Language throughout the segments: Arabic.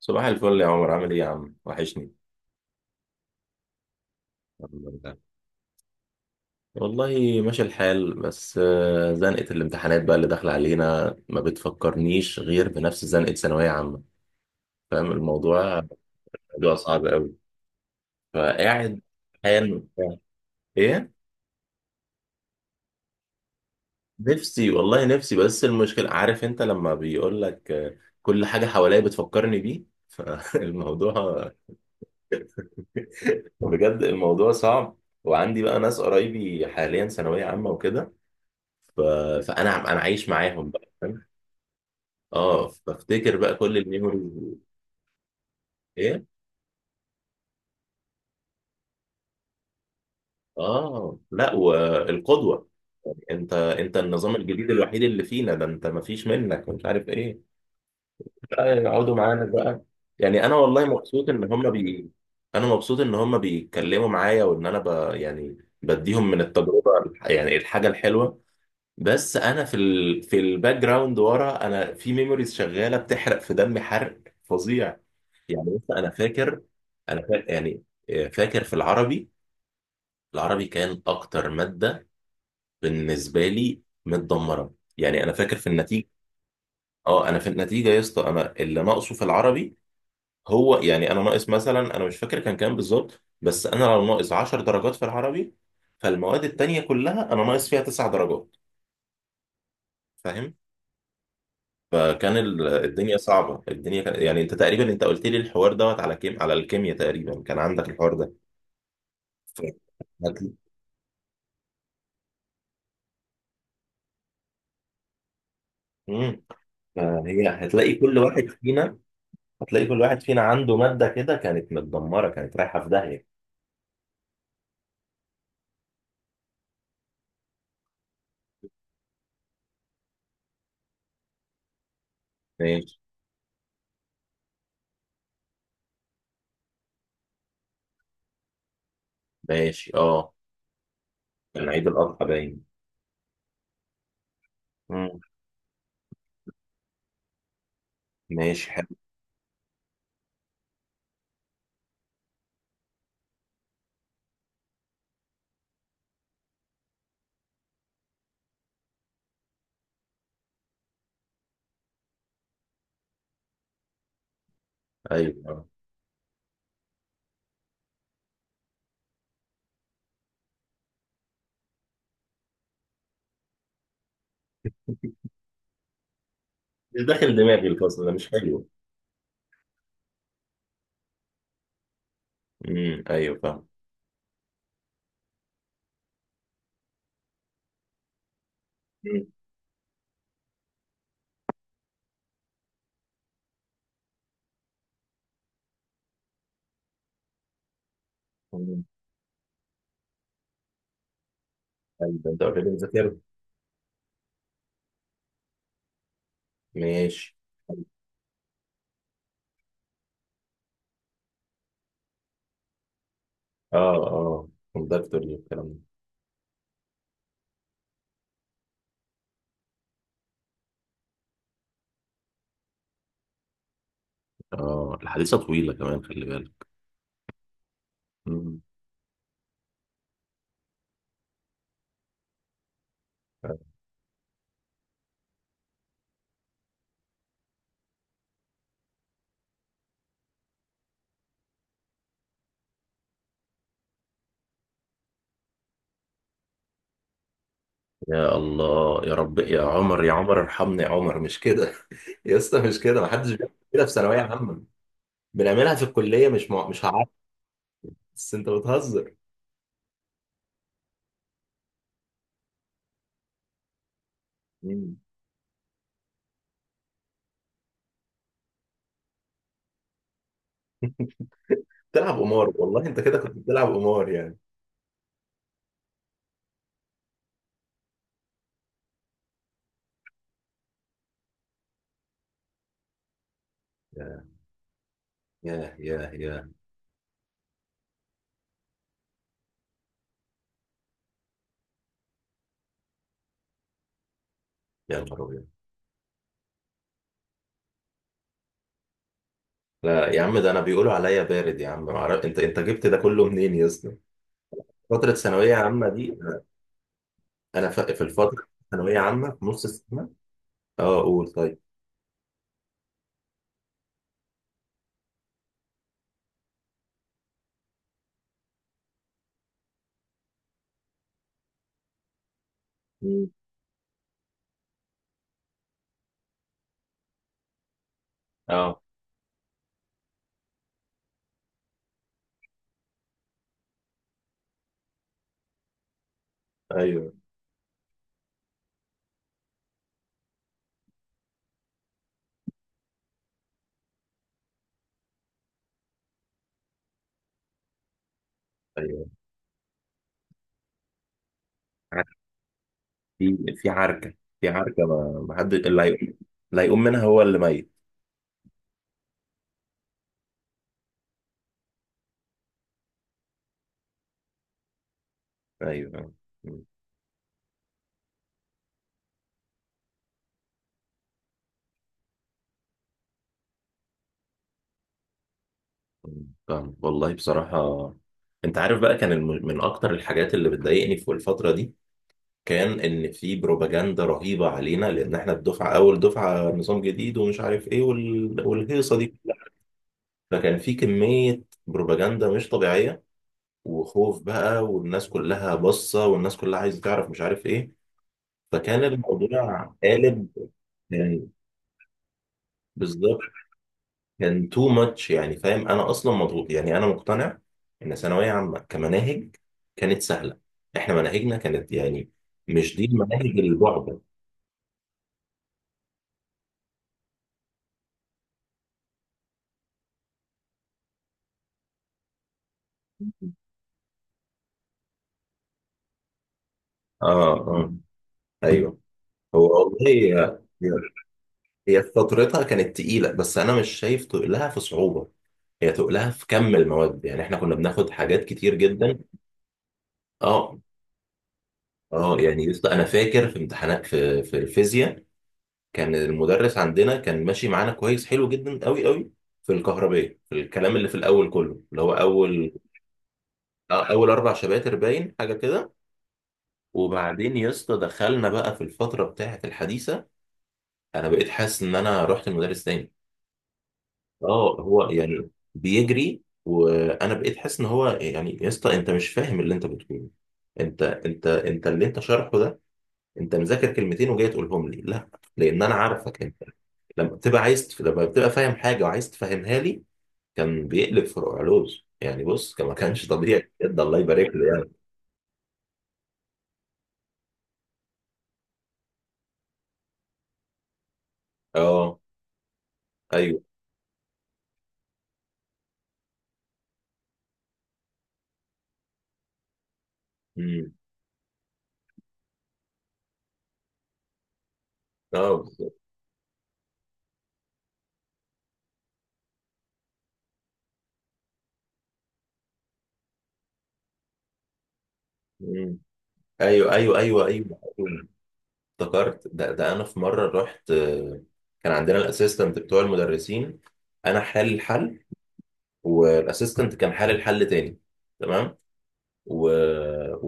صباح الفل يا عمر، عامل ايه يا عم؟ وحشني. الحمد لله. والله ماشي الحال، بس زنقة الامتحانات بقى اللي داخلة علينا ما بتفكرنيش غير بنفس زنقة ثانوية عامة. فاهم الموضوع؟ موضوع صعب قوي. فقاعد. حال. ايه؟ نفسي والله نفسي، بس المشكلة عارف انت لما بيقول لك، كل حاجة حواليا بتفكرني بيه فالموضوع بجد الموضوع صعب. وعندي بقى ناس قرايبي حاليا ثانوية عامة وكده. ف... فانا عايش معاهم بقى. فاهم؟ اه، بفتكر بقى كل الميموريز. ايه. اه، لا، والقدوه. انت النظام الجديد الوحيد اللي فينا ده، انت ما فيش منك، ومش عارف ايه. بقى يقعدوا معانا بقى. يعني انا والله مبسوط ان هم انا مبسوط ان هم بيتكلموا معايا، وان انا يعني بديهم من التجربه يعني الحاجه الحلوه. بس انا في الباك جراوند ورا، انا في ميموريز شغاله بتحرق في دمي حرق فظيع. يعني بص انا فاكر. انا فاكر يعني. فاكر في العربي. العربي كان اكتر ماده بالنسبه لي متدمره. يعني انا فاكر في النتيجه. اه، انا في النتيجه يا اسطى، انا اللي ناقصه في العربي. هو يعني انا ناقص مثلا، انا مش فاكر كان كام بالظبط، بس انا لو ناقص 10 درجات في العربي، فالمواد التانيه كلها انا ناقص فيها 9 درجات. فاهم؟ فكان الدنيا صعبه، الدنيا كان يعني انت تقريبا، انت قلت لي الحوار دوت على كيم، على الكيمياء تقريبا كان عندك الحوار ده. ف- هتل- مم. فهي هتلاقي كل واحد فينا، هتلاقي كل واحد فينا عنده مادة كده كانت متدمرة، كانت رايحة في داهية. ماشي. ماشي اه. كان عيد الأضحى باين. مم. ماشي حلو. أيوه آه. مش داخل دماغي الفصل ده، مش حلو. امم، أيوه فاهم. مم. مم. أيوه أنت قلت لي مذاكرة. ماشي. اه، اه، كوندكتور والكلام ده. اه، الحديثة طويلة كمان، خلي بالك. مم. يا الله، يا رب، يا عمر، يا عمر ارحمني يا عمر، مش كده يا اسطى مش كده، ما حدش بيعمل كده في ثانوية عامة. بنعملها في الكليه، مش هعرف. بس انت بتهزر. مم. بتلعب قمار والله، انت كده كنت بتلعب قمار يعني. يا يا يا يا يا نهار ابيض. لا يا عم، ده انا بيقولوا عليا بارد يا عم، ما اعرف انت، انت جبت ده كله منين يا اسطى؟ فتره ثانويه عامه دي. انا في الفتره ثانويه عامه في نص السنه. اه قول طيب. مم. اه. ايوه ايوه. عارف، في عركه. في عركه، ما حد اللي هيقوم، اللي هيقوم منها هو اللي ميت. ايوه. فاهم والله بصراحة. انت عارف بقى، كان من اكتر الحاجات اللي بتضايقني في الفترة دي، كان ان في بروباجندا رهيبة علينا، لان احنا الدفعة، اول دفعة نظام جديد ومش عارف ايه والهيصة دي. فكان في كمية بروباجندا مش طبيعية، وخوف بقى، والناس كلها باصة، والناس كلها عايزة تعرف، مش عارف ايه. فكان الموضوع قالب. يعني بالظبط. كان تو ماتش يعني، فاهم؟ انا اصلا مضغوط يعني. انا مقتنع ان ثانويه عامه كمناهج كانت سهله. احنا مناهجنا كانت يعني مش دي المناهج البعبع. اه اه ايوه. هو والله هي، هي في فترتها كانت تقيله، بس انا مش شايف تقلها في صعوبه، هي تقلها في كم المواد. يعني احنا كنا بناخد حاجات كتير جدا. اه. اه يعني يسطا، انا فاكر في امتحانات في الفيزياء، كان المدرس عندنا كان ماشي معانا كويس، حلو جدا قوي قوي. في الكهربية، في الكلام اللي في الاول كله، اللي هو اول، اول اربع شباتر باين حاجه كده. وبعدين يا اسطى دخلنا بقى في الفتره بتاعه الحديثه. انا بقيت حاسس ان انا رحت لمدرس تاني. اه هو يعني بيجري، وانا بقيت حاسس ان هو يعني، يا اسطى انت مش فاهم اللي انت بتقوله، انت اللي انت شارحه ده، انت مذاكر كلمتين وجاي تقولهم لي. لا، لان انا عارفك انت. لما بتبقى فاهم حاجه وعايز تفهمها لي، كان بيقلب فروع علوز يعني. بص، كان ما كانش طبيعي بجد، الله يبارك له يعني. اه ايوه. امم. اه بالظبط. امم. ايوه، ايوه، ايوه، ايوه. أيوة. افتكرت. ده انا في مره رحت، كان عندنا الاسيستنت بتوع المدرسين. انا حل الحل، والاسيستنت كان حل الحل تاني. تمام. و...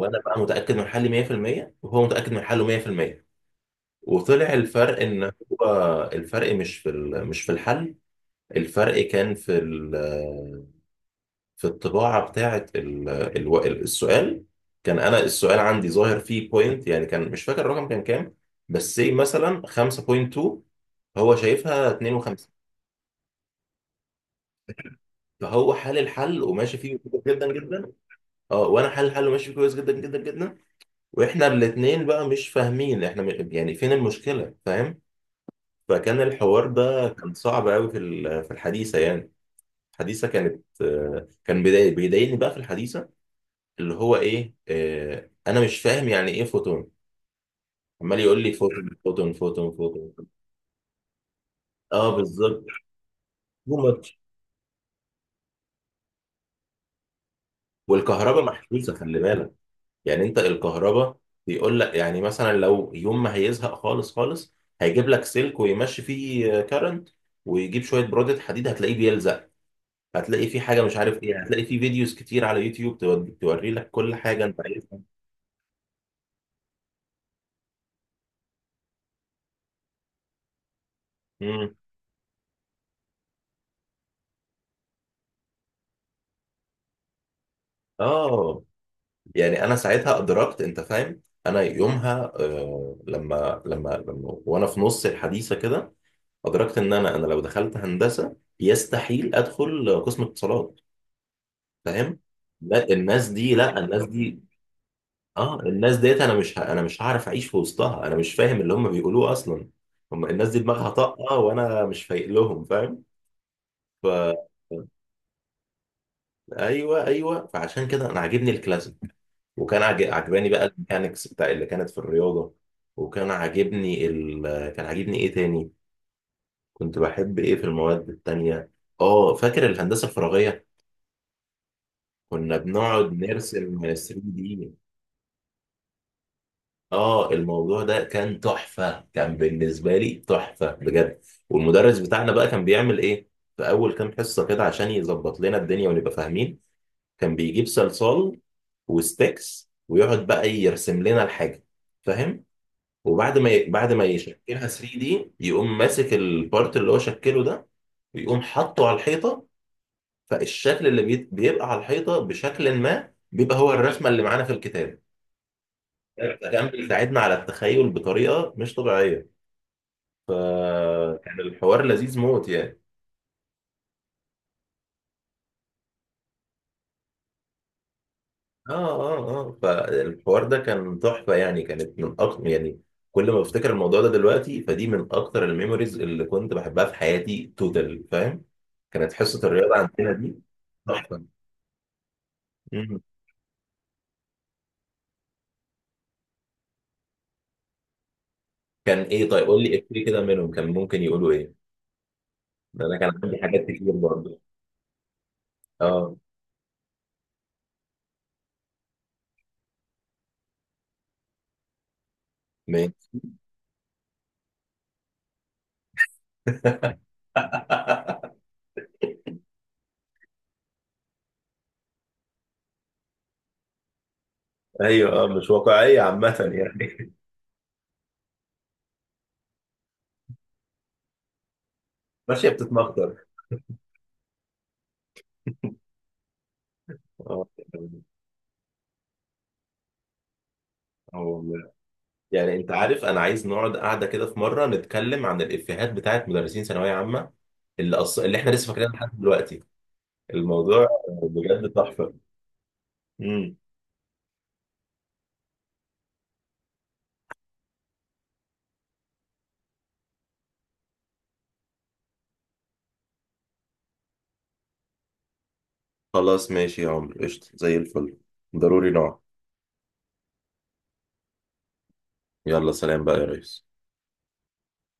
وانا بقى متاكد من حلي 100%، وهو متاكد من حله 100%. وطلع الفرق ان، هو الفرق مش في الحل، الفرق كان في ال... في الطباعه بتاعه السؤال. كان انا السؤال عندي ظاهر فيه بوينت، يعني كان مش فاكر الرقم كان كام، بس سي مثلا 5.2، هو شايفها 52. فهو حل الحل وماشي فيه كويس جدا جدا. اه، وانا حل الحل وماشي فيه كويس جدا جدا جدا. واحنا الاتنين بقى مش فاهمين احنا، يعني فين المشكلة، فاهم؟ فكان الحوار ده كان صعب قوي في الحديثة يعني. الحديثة كانت، كان بيضايقني بقى في الحديثة، اللي هو ايه، انا مش فاهم يعني ايه فوتون. عمال يقول لي فوتون فوتون فوتون فوتون. اه بالظبط، تو ماتش. والكهرباء محسوسة خلي بالك. يعني انت الكهرباء بيقول لك يعني مثلا لو يوم ما هيزهق خالص خالص، هيجيب لك سلك ويمشي فيه كارنت، ويجيب شوية برودة حديد هتلاقيه بيلزق، هتلاقي في حاجه مش عارف ايه، هتلاقي في فيديوز كتير على يوتيوب توري لك كل حاجه انت عايزها. امم. اه، يعني انا ساعتها ادركت، انت فاهم، انا يومها آه، لما وانا في نص الحديثه كده، ادركت ان انا لو دخلت هندسه يستحيل ادخل قسم اتصالات. فاهم؟ لا، الناس دي، لا، الناس دي. اه، الناس ديت انا، مش ه- انا مش هعرف اعيش في وسطها، انا مش فاهم اللي هم بيقولوه اصلا. هم الناس دي دماغها طاقه، وانا مش فايق لهم، فاهم؟ ف ايوه ايوه، فعشان كده انا عاجبني الكلاسيك. وكان عجباني بقى الميكانيكس بتاع اللي كانت في الرياضه. وكان عاجبني ال، كان عاجبني ايه تاني، كنت بحب ايه في المواد التانية؟ اه فاكر الهندسه الفراغيه، كنا بنقعد نرسم 3 دي. اه الموضوع ده كان تحفه، كان بالنسبه لي تحفه بجد. والمدرس بتاعنا بقى كان بيعمل ايه؟ في اول كام حصه كده عشان يظبط لنا الدنيا ونبقى فاهمين، كان بيجيب صلصال وستيكس، ويقعد بقى يرسم لنا الحاجه، فاهم؟ وبعد ما ي... بعد ما يشكلها 3 دي، يقوم ماسك البارت اللي هو شكله ده، ويقوم حاطه على الحيطه، فالشكل اللي بيبقى على الحيطه بشكل ما، بيبقى هو الرسمه اللي معانا في الكتاب. ده كان بيساعدنا على التخيل بطريقه مش طبيعيه. كان الحوار لذيذ موت يعني. اه، اه، اه. فالحوار ده كان تحفة يعني، كانت من أكتر يعني، كل ما بفتكر الموضوع ده دلوقتي، فدي من أكتر الميموريز اللي كنت بحبها في حياتي توتال، فاهم؟ كانت حصة الرياضة عندنا دي تحفة. مم. كان إيه؟ طيب قول لي إفيه كده منهم، كان ممكن يقولوا إيه؟ ده أنا كان عندي حاجات كتير برضه. اه. ماشي. ايوه اه، مش واقعية عامة يعني. ماشية بتتمخضر. اه. والله. يعني انت عارف، انا عايز نقعد قاعده كده في مره، نتكلم عن الافيهات بتاعت مدرسين ثانويه عامه، اللي احنا لسه فاكرينها لحد دلوقتي. الموضوع بجد تحفه. امم. خلاص ماشي يا عمرو، قشطه زي الفل. ضروري نقعد. يلا سلام بقى يا ريس.